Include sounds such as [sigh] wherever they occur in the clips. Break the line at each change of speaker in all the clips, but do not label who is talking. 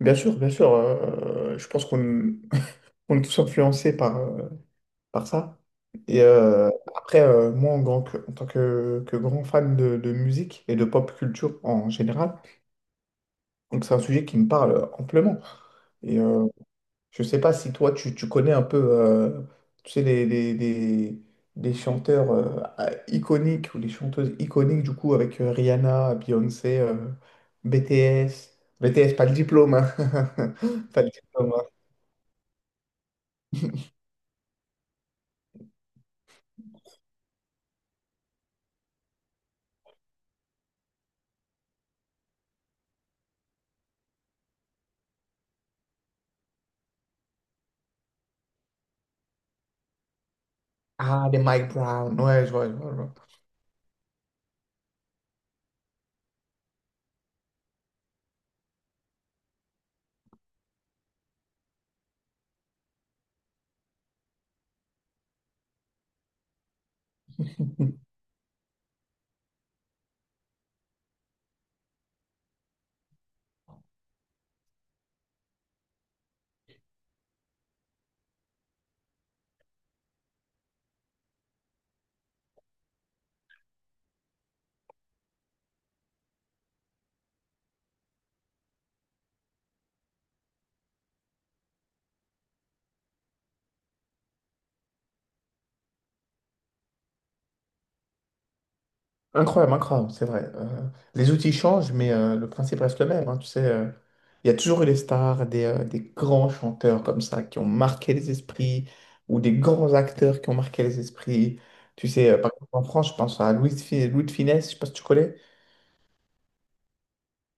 Bien sûr, bien sûr, je pense qu'on [laughs] on est tous influencés par, par ça. Et euh, moi, en tant que, grand fan de musique et de pop culture en général, donc c'est un sujet qui me parle amplement. Et euh, je sais pas si toi, tu connais un peu, tu sais, les chanteurs iconiques ou les chanteuses iconiques, du coup, avec Rihanna, Beyoncé, BTS. BTS, pas le diplôme, hein. [laughs] Pas le diplôme. Ah, des Mike Brown. Ouais, je vois, je vois, je vois. [laughs] Incroyable, incroyable, c'est vrai. Les outils changent, mais le principe reste le même, hein, tu sais, il y a toujours eu des stars, des grands chanteurs comme ça qui ont marqué les esprits ou des grands acteurs qui ont marqué les esprits. Tu sais, par exemple, en France, je pense à Louis de Funès, je sais pas si tu connais.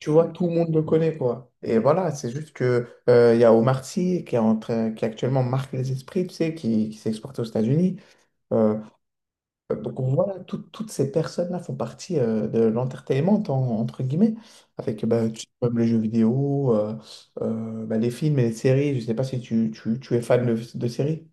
Tu vois, tout le monde le connaît, quoi. Et voilà, c'est juste que il y a Omar Sy qui est en train- qui actuellement marque les esprits, tu sais, qui s'est exporté aux États-Unis. Euh, Donc voilà, toutes ces personnes-là font partie de l'entertainment, entre guillemets, avec bah, tu comme les jeux vidéo, bah, les films et les séries. Je ne sais pas si tu es fan de séries.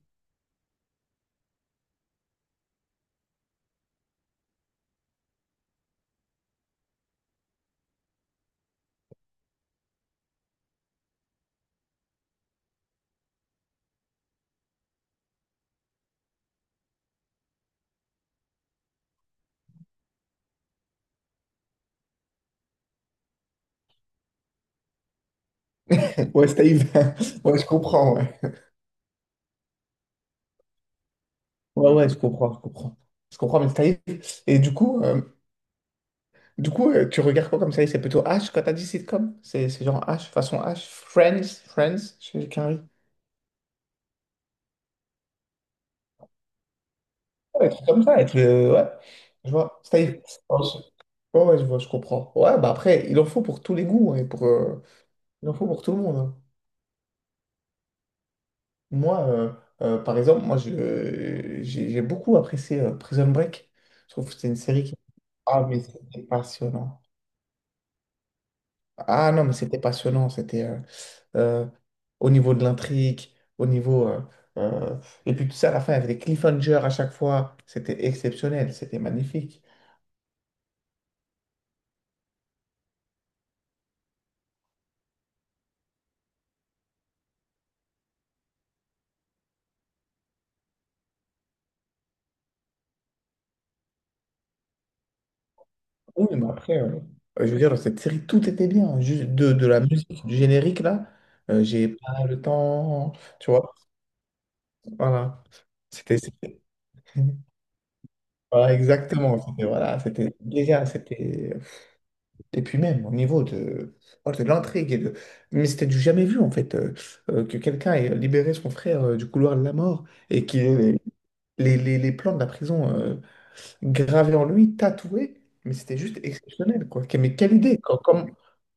[laughs] Ouais, Steve. [laughs] Ouais, je comprends. Ouais, ouais, ouais, je comprends, je comprends. Je comprends, mais Steve. Et du coup, euh, Du coup, tu regardes quoi comme série? C'est plutôt H quand t'as dit sitcom? C'est genre H, façon H, Friends, Friends, chez Carrie. Ouais, des comme ça, être ouais. Je vois. Ouais, ouais, je vois, je comprends. Ouais, bah après, il en faut pour tous les goûts, hein, et pour, il en faut pour tout le monde, hein. Moi, par exemple, moi, j'ai beaucoup apprécié Prison Break. Je trouve que c'était une série qui. Ah, mais c'était passionnant. Ah non, mais c'était passionnant. C'était euh, Au niveau de l'intrigue, au niveau... euh, euh, et puis tout ça, à la fin, il y avait des cliffhangers à chaque fois. C'était exceptionnel, c'était magnifique. Oui, mais après, je veux dire, dans cette série, tout était bien. Juste de la musique, du générique, là, j'ai pas le temps, tu vois, voilà. C'était... c'était- [laughs] Voilà, exactement. C'était, voilà, c'était déjà, c'était... Et puis même au niveau de, oh, de l'intrigue et de... Mais c'était du jamais vu en fait, que quelqu'un ait libéré son frère du couloir de la mort et qu'il ait les plans de la prison gravés en lui, tatoués. Mais c'était juste exceptionnel quoi. Mais quelle idée! co- com-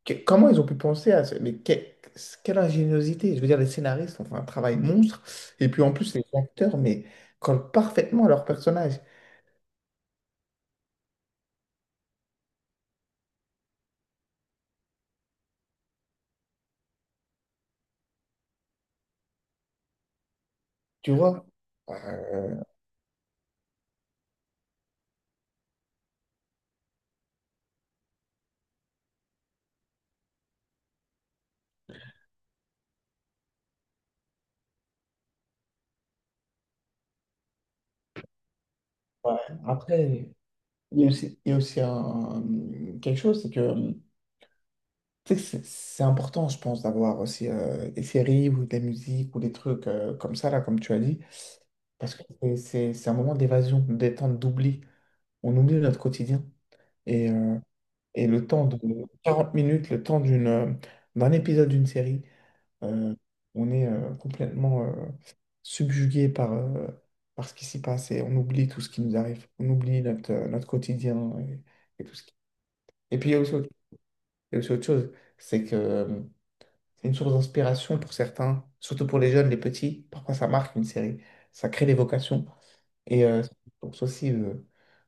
que- Comment ils ont pu penser à ça? Quelle ingéniosité! Je veux dire, les scénaristes ont fait un travail monstre. Et puis en plus, les acteurs, mais collent parfaitement à leur personnage. Tu vois? Euh, ouais. Après. Il y a aussi un, quelque chose, c'est que tu sais, c'est important, je pense, d'avoir aussi des séries ou de la musique ou des trucs comme ça, là, comme tu as dit, parce que c'est un moment d'évasion, de détente, d'oubli. On oublie notre quotidien. Et, euh, et le temps de 40 minutes, le temps d'un épisode d'une série, euh, on est complètement subjugué par, par ce qui s'y passe et on oublie tout ce qui nous arrive. On oublie notre, notre quotidien et tout ce qui... Et puis il y a aussi autre Et c'est autre chose, c'est que c'est une source d'inspiration pour certains, surtout pour les jeunes, les petits. Parfois, ça marque une série, ça crée des vocations et c'est une source aussi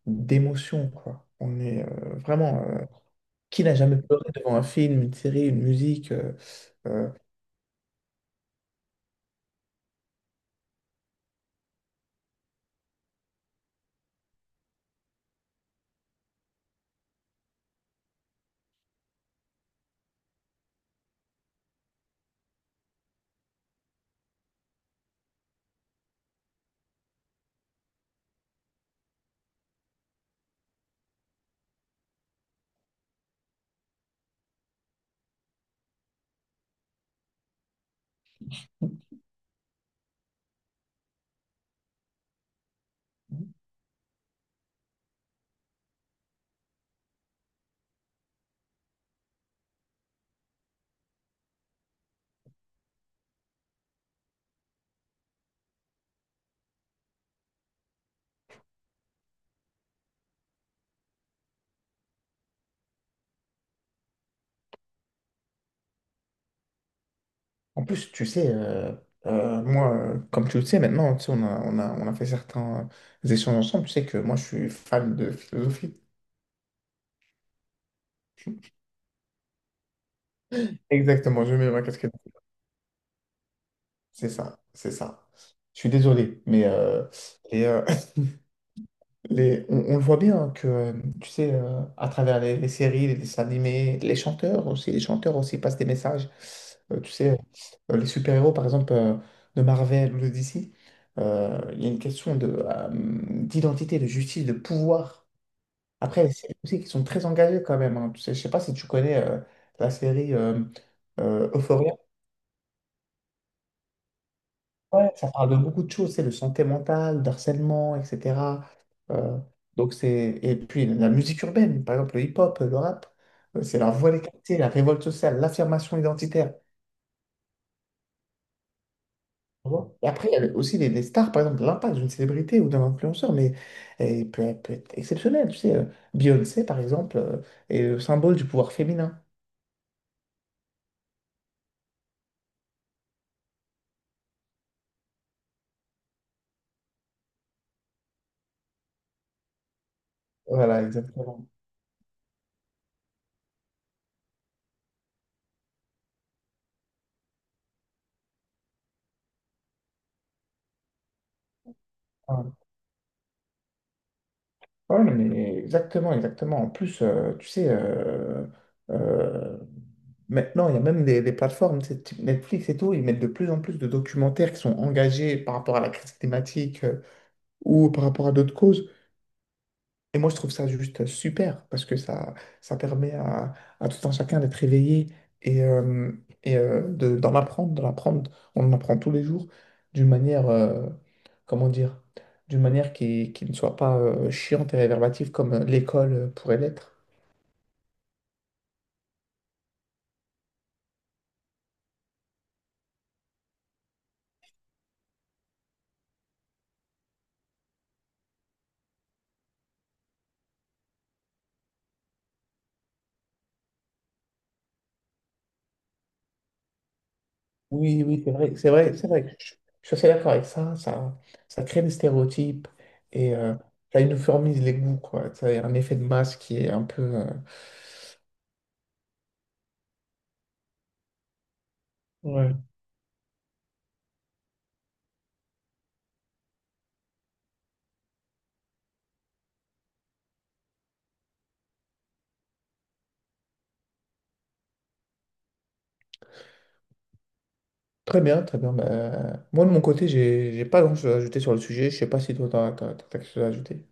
d'émotion, quoi. On est vraiment. Qui n'a jamais pleuré devant un film, une série, une musique euh, en plus, tu sais, moi, comme tu le sais maintenant, tu sais, on a fait certains échanges ensemble. Tu sais que moi, je suis fan de philosophie. Exactement, je mets ma casquette. C'est ça, c'est ça. Je suis désolé, mais les, euh, [laughs] on le voit bien que, tu sais, à travers les séries, les dessins animés, les chanteurs aussi passent des messages. Tu sais, les super-héros, par exemple, de Marvel ou de DC, il y a une question de, d'identité, de justice, de pouvoir. Après, les séries aussi qui sont très engagées quand même, hein. Tu sais, je sais pas si tu connais la série Euphoria. Ouais, ça parle de beaucoup de choses, c'est de santé mentale, d'harcèlement, etc. Euh, donc c'est... Et puis la musique urbaine, par exemple le hip-hop, le rap, c'est la voix des quartiers, la révolte sociale, l'affirmation identitaire. Tu vois. Et après, il y a le- aussi les stars, par exemple, l'impact d'une célébrité ou d'un influenceur, mais peut être exceptionnel. Tu sais, Beyoncé, par exemple, est le symbole du pouvoir féminin. Voilà, exactement. Ouais. Ouais, non, mais exactement, exactement. En plus, tu sais, euh, maintenant, il y a même des plateformes, tu sais, type Netflix et tout, ils mettent de plus en plus de documentaires qui sont engagés par rapport à la crise climatique ou par rapport à d'autres causes. Et moi, je trouve ça juste super parce que ça permet à tout un chacun d'être éveillé et, euh, et de, d'en apprendre, d'en apprendre. On en apprend tous les jours d'une manière, comment dire, d'une manière qui ne soit pas chiante et réverbative comme l'école pourrait l'être. Oui, oui, c'est vrai, c'est vrai, c'est vrai. Je suis assez d'accord avec ça. Ça crée des stéréotypes et ça uniformise les goûts, quoi. Ça a un effet de masse qui est un peu. Ouais. Très bien, très bien. Bah, moi, de mon côté, j'ai pas grand-chose à ajouter sur le sujet. Je sais pas si toi, t'as quelque chose à ajouter.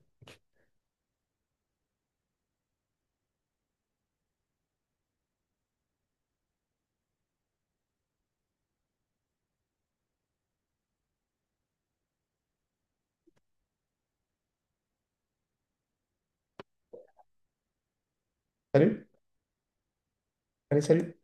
Salut. Allez, salut.